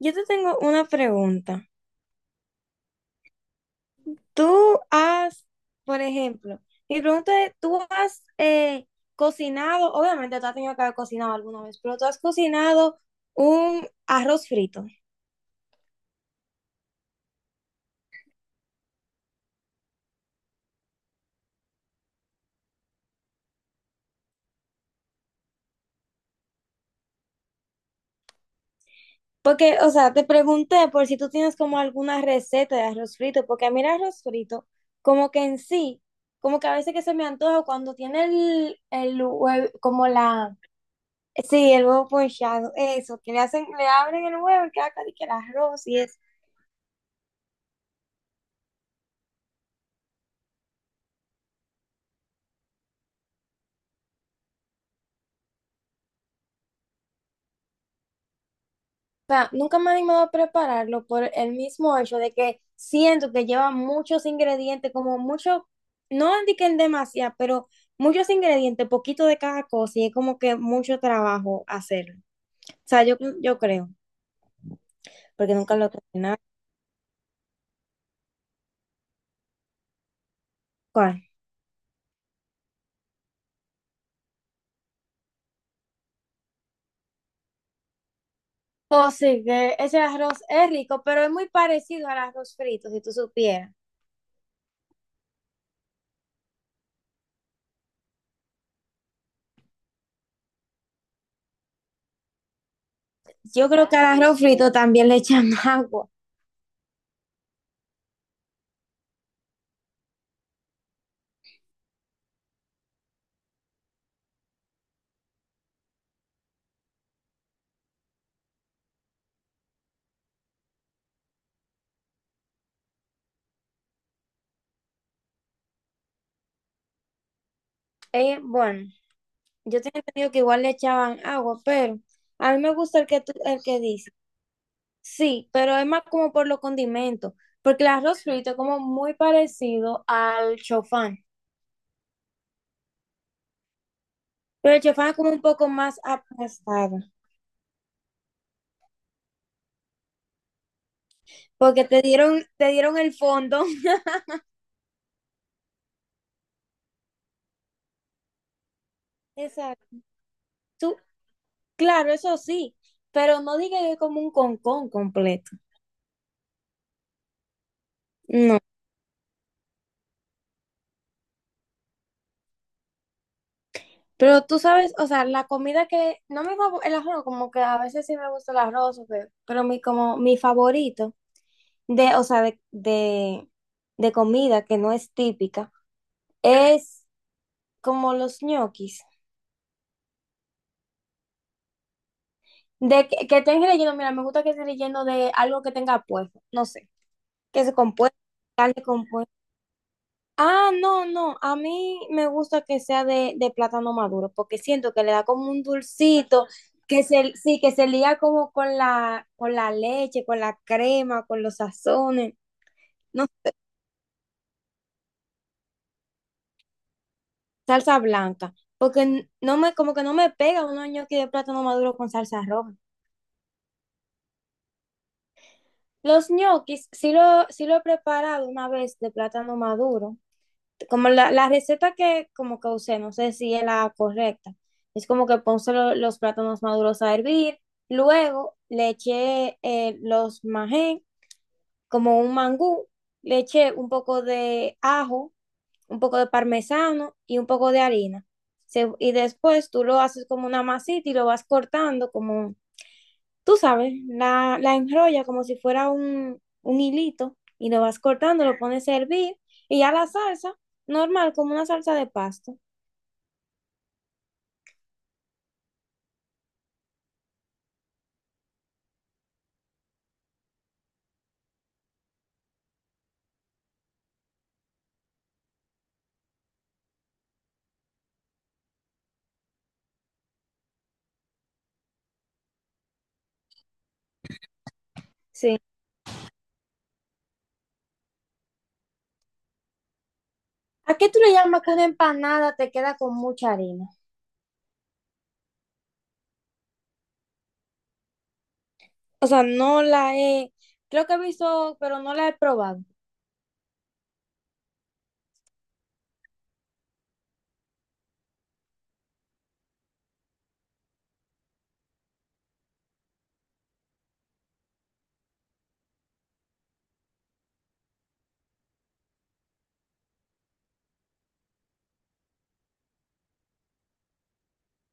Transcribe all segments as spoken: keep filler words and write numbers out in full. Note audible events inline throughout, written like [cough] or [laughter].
Yo te tengo una pregunta. Tú has, por ejemplo, mi pregunta es, ¿tú has eh, cocinado, obviamente tú has tenido que haber cocinado alguna vez, pero tú has cocinado un arroz frito? Porque, o sea, te pregunté por si tú tienes como alguna receta de arroz frito, porque a mí el arroz frito, como que en sí, como que a veces que se me antoja cuando tiene el, el huevo, como la, sí, el huevo pochado, eso, que le hacen, le abren el huevo y queda casi que el arroz y eso. Sea, nunca me he animado a prepararlo por el mismo hecho de que siento que lleva muchos ingredientes, como mucho, no indiquen demasiado, pero muchos ingredientes, poquito de cada cosa, y es como que mucho trabajo hacerlo. O sea, yo, yo creo, porque nunca lo he cocinado. ¿Cuál? Oh, sí, que ese arroz es rico, pero es muy parecido al arroz frito, si tú supieras. Yo creo que al arroz frito también le echan [laughs] agua. Eh, bueno, yo tenía entendido que igual le echaban agua, pero a mí me gusta el que tú, el que dice. Sí, pero es más como por los condimentos, porque el arroz frito es como muy parecido al chofán, pero el chofán es como un poco más aplastado, porque te dieron, te dieron el fondo. [laughs] Exacto. Tú, claro, eso sí, pero no digas que es como un concón completo. No. Pero tú sabes, o sea, la comida que no me favo- el arroz, como que a veces sí me gusta el arroz, o que- pero mi como mi favorito de, o sea, de, de, de comida que no es típica es como los ñoquis. De que, que estén relleno, mira, me gusta que esté relleno de algo que tenga puesto, no sé, que se compuesto, carne compuesta. Ah, no, no, a mí me gusta que sea de, de plátano maduro, porque siento que le da como un dulcito, que se, sí, que se liga como con la, con la leche, con la crema, con los sazones, no sé, salsa blanca, porque n- no me, como que no me pega un ñoqui de plátano maduro con salsa roja. Los ñoquis sí lo, sí lo he preparado una vez de plátano maduro. Como la, la receta que como que usé, no sé si es la correcta. Es como que puse lo- los plátanos maduros a hervir. Luego le eché eh, los majén, como un mangú. Le eché un poco de ajo, un poco de parmesano y un poco de harina. Se- y después tú lo haces como una masita y lo vas cortando como tú sabes, la, la enrolla como si fuera un, un hilito y lo vas cortando, lo pones a hervir y ya la salsa, normal, como una salsa de pasto. Sí. ¿A qué tú le llamas que una empanada te queda con mucha harina? O sea, no la he, creo que he visto, pero no la he probado.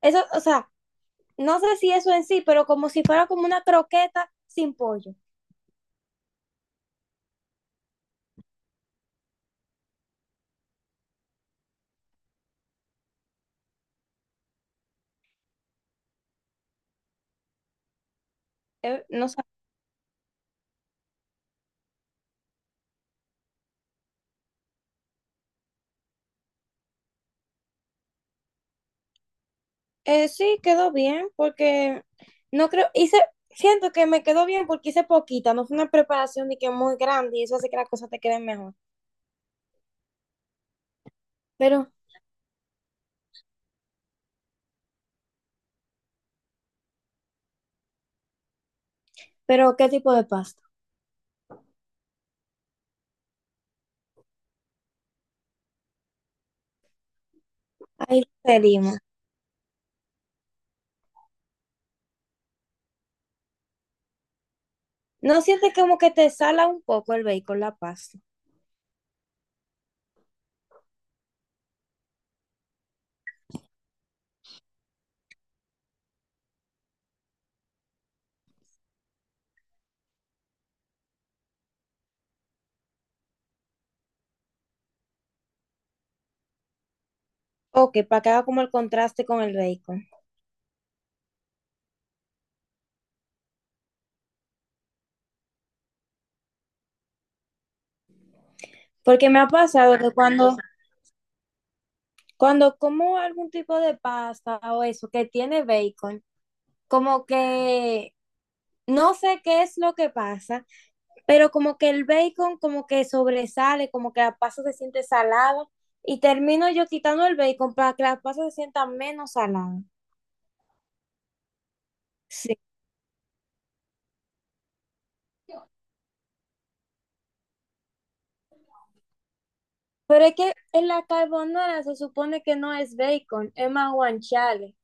Eso, o sea, no sé si eso en sí, pero como si fuera como una croqueta sin pollo. Eh, no sé. Eh, sí, quedó bien porque no creo, hice, siento que me quedó bien porque hice poquita, no fue una preparación ni que muy grande y eso hace que las cosas te queden mejor. Pero, pero, ¿qué tipo de pasta? Ahí pedimos. ¿No sientes como que te sala un poco el bacon, la pasta? O que para que haga como el contraste con el bacon. Porque me ha pasado que cuando, cuando como algún tipo de pasta o eso que tiene bacon, como que no sé qué es lo que pasa, pero como que el bacon como que sobresale, como que la pasta se siente salada y termino yo quitando el bacon para que la pasta se sienta menos salada. Sí. Pero es que en la carbonara se supone que no es bacon, es más guanciale.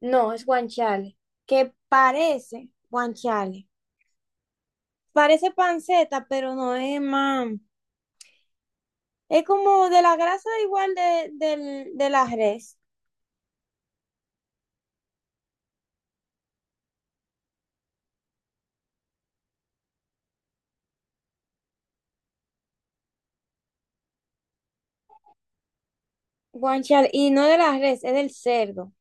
No, es guanciale, que parece guanciale. Parece panceta, pero no es más. Es como de la grasa igual de, del- de la res, guanciale, y no de la res, es del cerdo.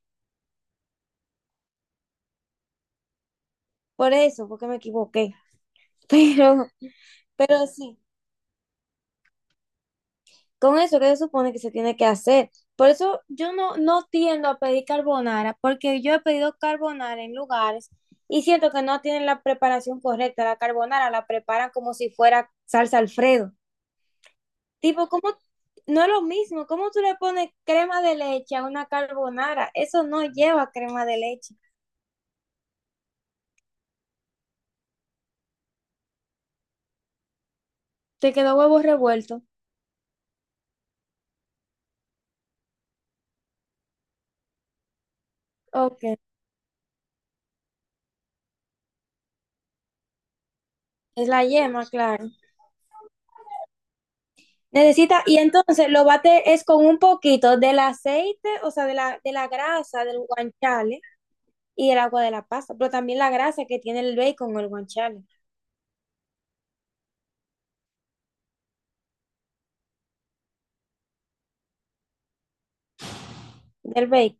Por eso, porque me equivoqué. [laughs] Pero Pero sí, con eso que se supone que se tiene que hacer. Por eso yo no, no tiendo a pedir carbonara, porque yo he pedido carbonara en lugares y siento que no tienen la preparación correcta. La carbonara la preparan como si fuera salsa Alfredo. Tipo, ¿cómo? No es lo mismo. ¿Cómo tú le pones crema de leche a una carbonara? Eso no lleva crema de leche. Te quedó huevo revuelto. Ok. Es la yema, claro. Necesita, y entonces lo bate es con un poquito del aceite, o sea, de la, de la grasa del guanciale y el agua de la pasta, pero también la grasa que tiene el bacon o el guanciale, del bacon.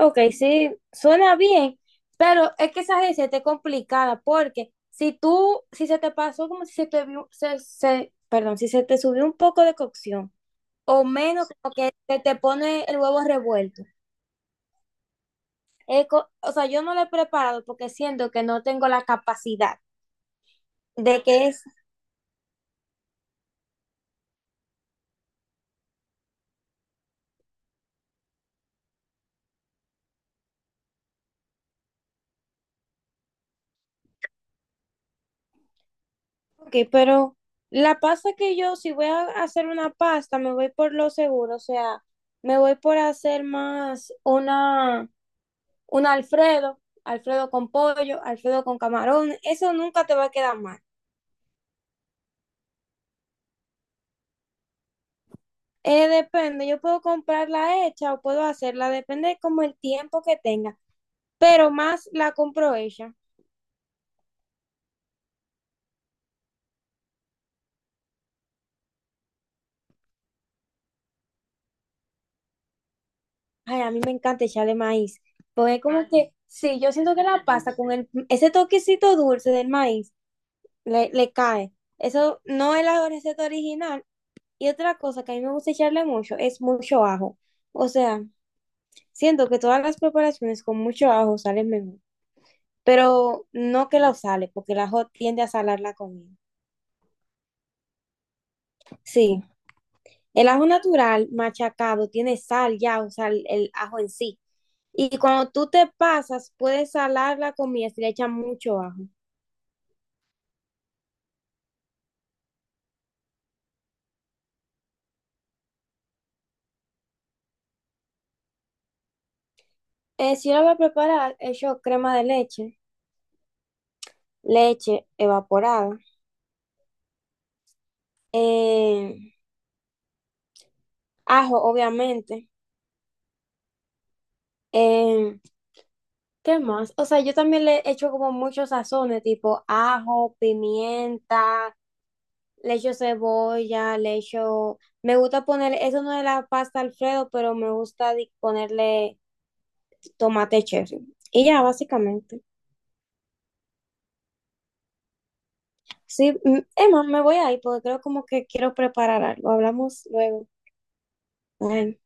Ok, sí, suena bien, pero es que esa receta es complicada porque si tú, si se te pasó como si se te, vio- se, se- perdón, si se te subió un poco de cocción o menos como que se te pone el huevo revuelto. Es co- o sea, yo no lo he preparado porque siento que no tengo la capacidad de que. Ok, pero la pasta que yo, si voy a hacer una pasta, me voy por lo seguro, o sea, me voy por hacer más una, un Alfredo, Alfredo con pollo, Alfredo con camarón, eso nunca te va a quedar mal. Eh, depende, yo puedo comprarla hecha o puedo hacerla, depende como el tiempo que tenga, pero más la compro hecha. Ay, a mí me encanta echarle maíz, porque como que, sí, yo siento que la pasta con el, ese toquecito dulce del maíz le, le cae. Eso no es la receta original. Y otra cosa que a mí me gusta echarle mucho es mucho ajo. O sea, siento que todas las preparaciones con mucho ajo salen mejor. Pero no que lo sale, porque el ajo tiende a salar la comida. Sí, el ajo natural machacado tiene sal ya, o sea, el, el ajo en sí. Y cuando tú te pasas, puedes salar la comida si le echas mucho ajo. Eh, si yo lo voy a preparar, echo crema de leche, leche evaporada. Eh, Ajo, obviamente. Eh, ¿Qué más? O sea, yo también le echo como muchos sazones, tipo ajo, pimienta, le echo cebolla, le echo... Me gusta poner, eso no es la pasta Alfredo, pero me gusta di- ponerle tomate cherry. Y ya, básicamente. Sí, mm, Emma, me voy a ir porque creo como que quiero preparar algo. Hablamos luego. Bye.